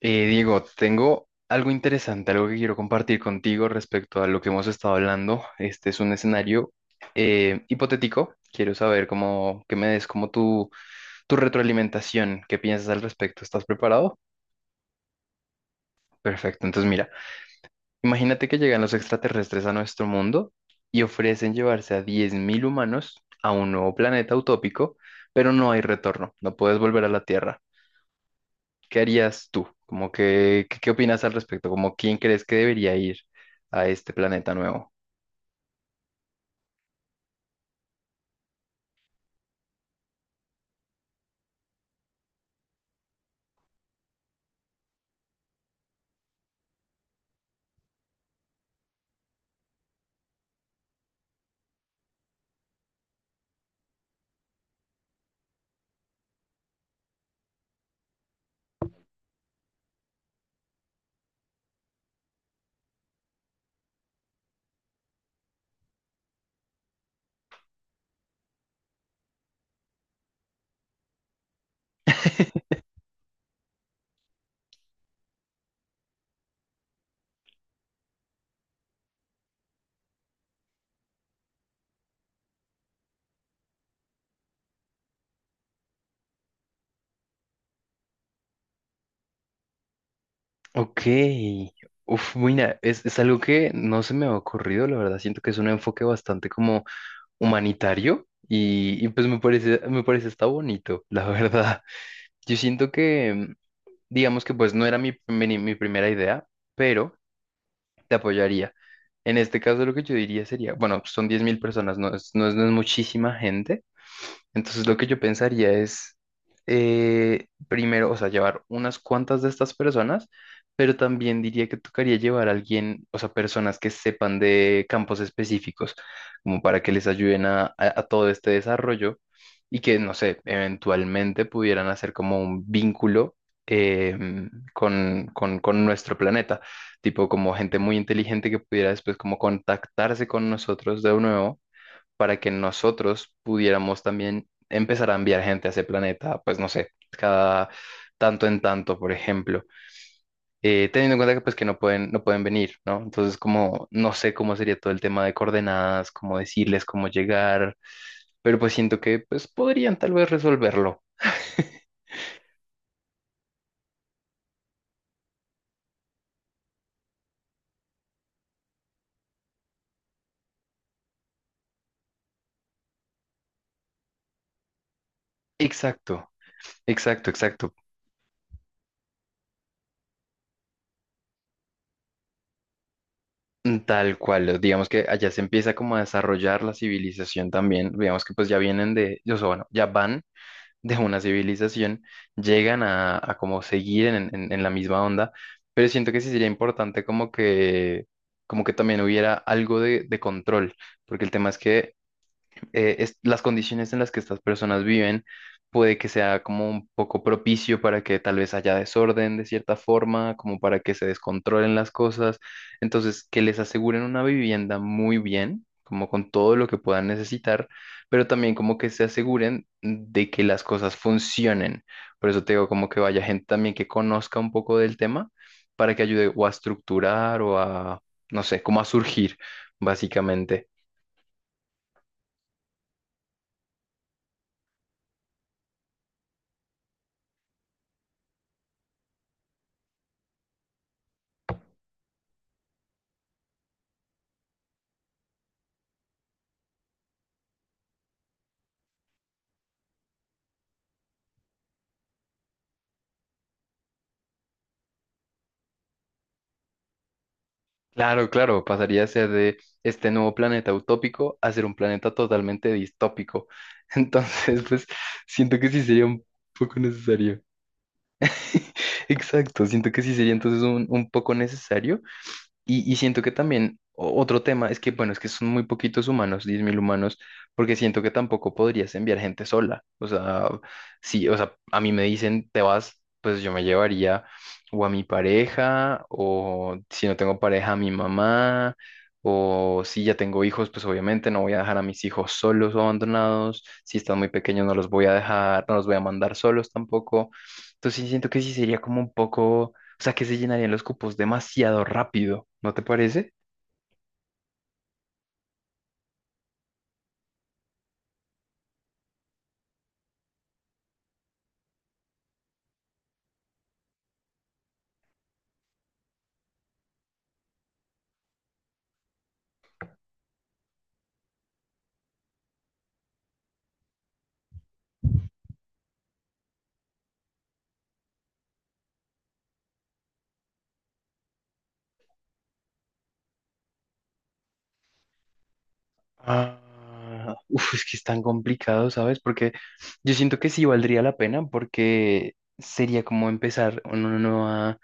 Diego, tengo algo interesante, algo que quiero compartir contigo respecto a lo que hemos estado hablando. Este es un escenario hipotético. Quiero saber cómo, que me des como tu retroalimentación, qué piensas al respecto. ¿Estás preparado? Perfecto. Entonces, mira, imagínate que llegan los extraterrestres a nuestro mundo y ofrecen llevarse a 10.000 humanos a un nuevo planeta utópico, pero no hay retorno, no puedes volver a la Tierra. ¿Qué harías tú? Como que, ¿qué, qué opinas al respecto? Como, ¿quién crees que debería ir a este planeta nuevo? Ok. Uf, mira, es algo que no se me ha ocurrido, la verdad. Siento que es un enfoque bastante como humanitario y pues me parece está bonito, la verdad. Yo siento que, digamos que pues no era mi primera idea, pero te apoyaría. En este caso lo que yo diría sería, bueno, son 10.000 personas, no es muchísima gente. Entonces lo que yo pensaría es, primero, o sea, llevar unas cuantas de estas personas, pero también diría que tocaría llevar a alguien, o sea, personas que sepan de campos específicos, como para que les ayuden a todo este desarrollo y que, no sé, eventualmente pudieran hacer como un vínculo. Con nuestro planeta, tipo como gente muy inteligente que pudiera después como contactarse con nosotros de nuevo para que nosotros pudiéramos también empezar a enviar gente a ese planeta, pues no sé, cada tanto en tanto, por ejemplo. Teniendo en cuenta que pues que no pueden venir, ¿no? Entonces como no sé cómo sería todo el tema de coordenadas, cómo decirles cómo llegar, pero pues siento que pues podrían tal vez resolverlo. Exacto, exacto, exacto. Tal cual, digamos que allá se empieza como a desarrollar la civilización también, digamos que pues ya vienen de, yo sé, bueno, ya van de una civilización llegan a como seguir en la misma onda, pero siento que sí sería importante como que también hubiera algo de control, porque el tema es que las condiciones en las que estas personas viven puede que sea como un poco propicio para que tal vez haya desorden de cierta forma, como para que se descontrolen las cosas. Entonces, que les aseguren una vivienda muy bien, como con todo lo que puedan necesitar, pero también como que se aseguren de que las cosas funcionen. Por eso te digo, como que vaya gente también que conozca un poco del tema para que ayude o a estructurar o a, no sé, como a surgir, básicamente. Claro, claro, pasaría a ser de este nuevo planeta utópico a ser un planeta totalmente distópico. Entonces, pues siento que sí sería un poco necesario. Exacto, siento que sí sería entonces un poco necesario y siento que también otro tema es que, bueno, es que son muy poquitos humanos, 10.000 humanos, porque siento que tampoco podrías enviar gente sola. O sea, sí, o sea, a mí me dicen, te vas, pues yo me llevaría o a mi pareja, o si no tengo pareja, a mi mamá, o si ya tengo hijos, pues obviamente no voy a dejar a mis hijos solos o abandonados. Si están muy pequeños, no los voy a dejar, no los voy a mandar solos tampoco. Entonces sí siento que sí sería como un poco, o sea, que se llenarían los cupos demasiado rápido, ¿no te parece? Ah, uf, es que es tan complicado, ¿sabes? Porque yo siento que sí valdría la pena porque sería como empezar una nueva,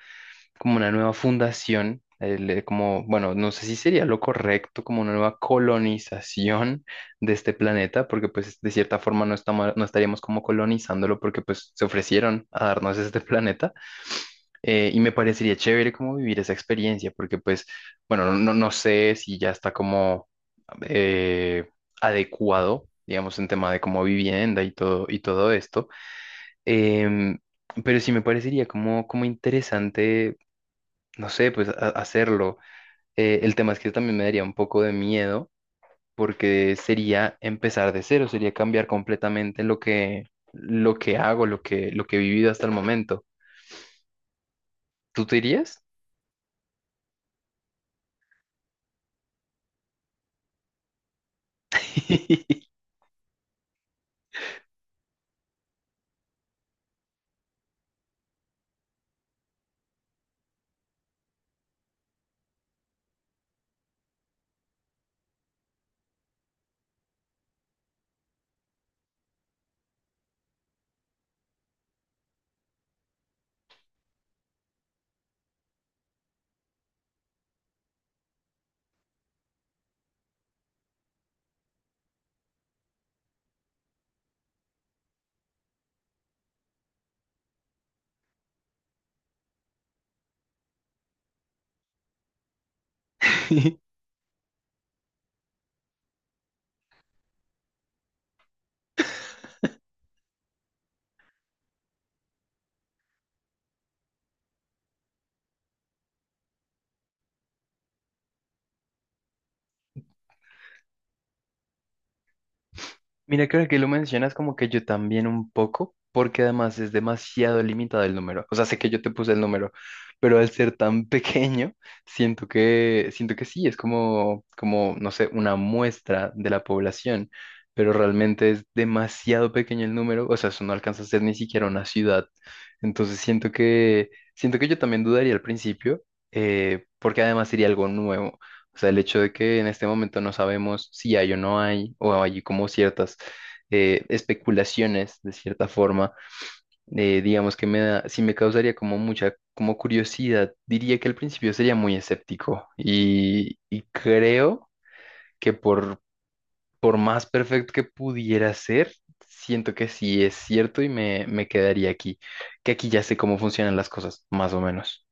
como una nueva fundación, como, bueno, no, sé si sería lo correcto, como una nueva colonización de este planeta, porque pues de cierta forma no estamos, no estaríamos como colonizándolo porque pues se ofrecieron a darnos este planeta. Y me parecería chévere como vivir esa experiencia, porque pues, bueno, no sé si ya está como eh, adecuado, digamos, en tema de como vivienda y todo esto, em, pero sí me parecería como, como interesante, no sé, pues hacerlo. El tema es que también me daría un poco de miedo, porque sería empezar de cero, sería cambiar completamente lo que hago, lo que he vivido hasta el momento. ¿Tú te irías? Mira que ahora que lo mencionas como que yo también un poco, porque además es demasiado limitado el número. O sea, sé que yo te puse el número, pero al ser tan pequeño, siento que sí, es como, no sé, una muestra de la población, pero realmente es demasiado pequeño el número, o sea, eso no alcanza a ser ni siquiera una ciudad. Entonces siento que yo también dudaría al principio, porque además sería algo nuevo. O sea, el hecho de que en este momento no sabemos si hay o no hay, o hay como ciertas especulaciones de cierta forma, digamos que me da, sí me causaría como mucha como curiosidad. Diría que al principio sería muy escéptico y creo que por más perfecto que pudiera ser, siento que sí es cierto y me quedaría aquí, que aquí ya sé cómo funcionan las cosas, más o menos.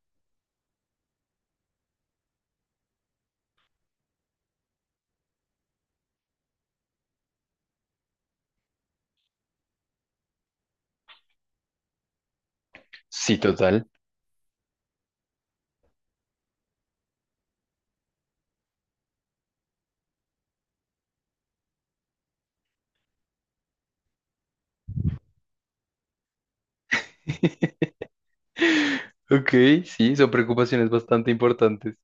Sí, total. Ok, sí, son preocupaciones bastante importantes.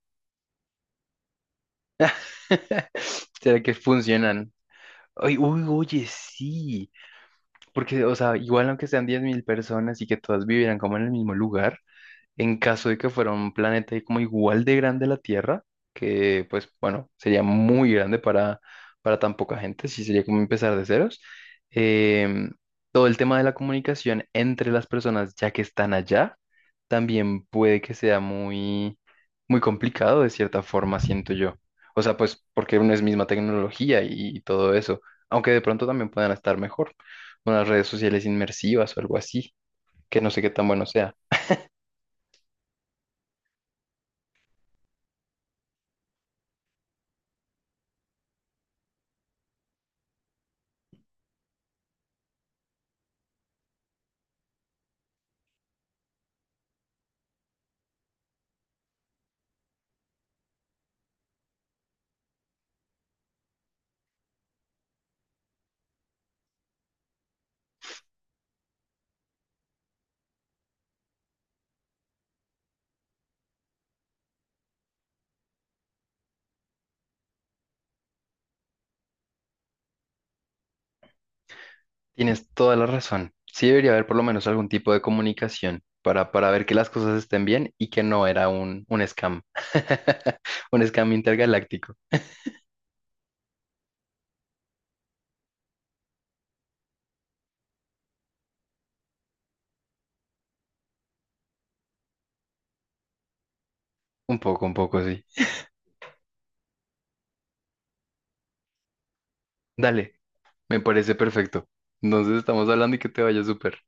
¿Será que funcionan? Ay, uy, oye, sí. Porque, o sea, igual aunque sean 10.000 personas y que todas vivieran como en el mismo lugar, en caso de que fuera un planeta como igual de grande a la Tierra, que pues bueno, sería muy grande para tan poca gente, sí sería como empezar de ceros. Em, Todo el tema de la comunicación entre las personas ya que están allá, también puede que sea muy, muy complicado de cierta forma, siento yo. O sea, pues porque no es misma tecnología y todo eso, aunque de pronto también puedan estar mejor, unas redes sociales inmersivas o algo así, que no sé qué tan bueno sea. Tienes toda la razón. Sí debería haber por lo menos algún tipo de comunicación para ver que las cosas estén bien y que no era un scam. Un scam intergaláctico. Un poco, sí. Dale, me parece perfecto. Entonces estamos hablando y que te vaya súper.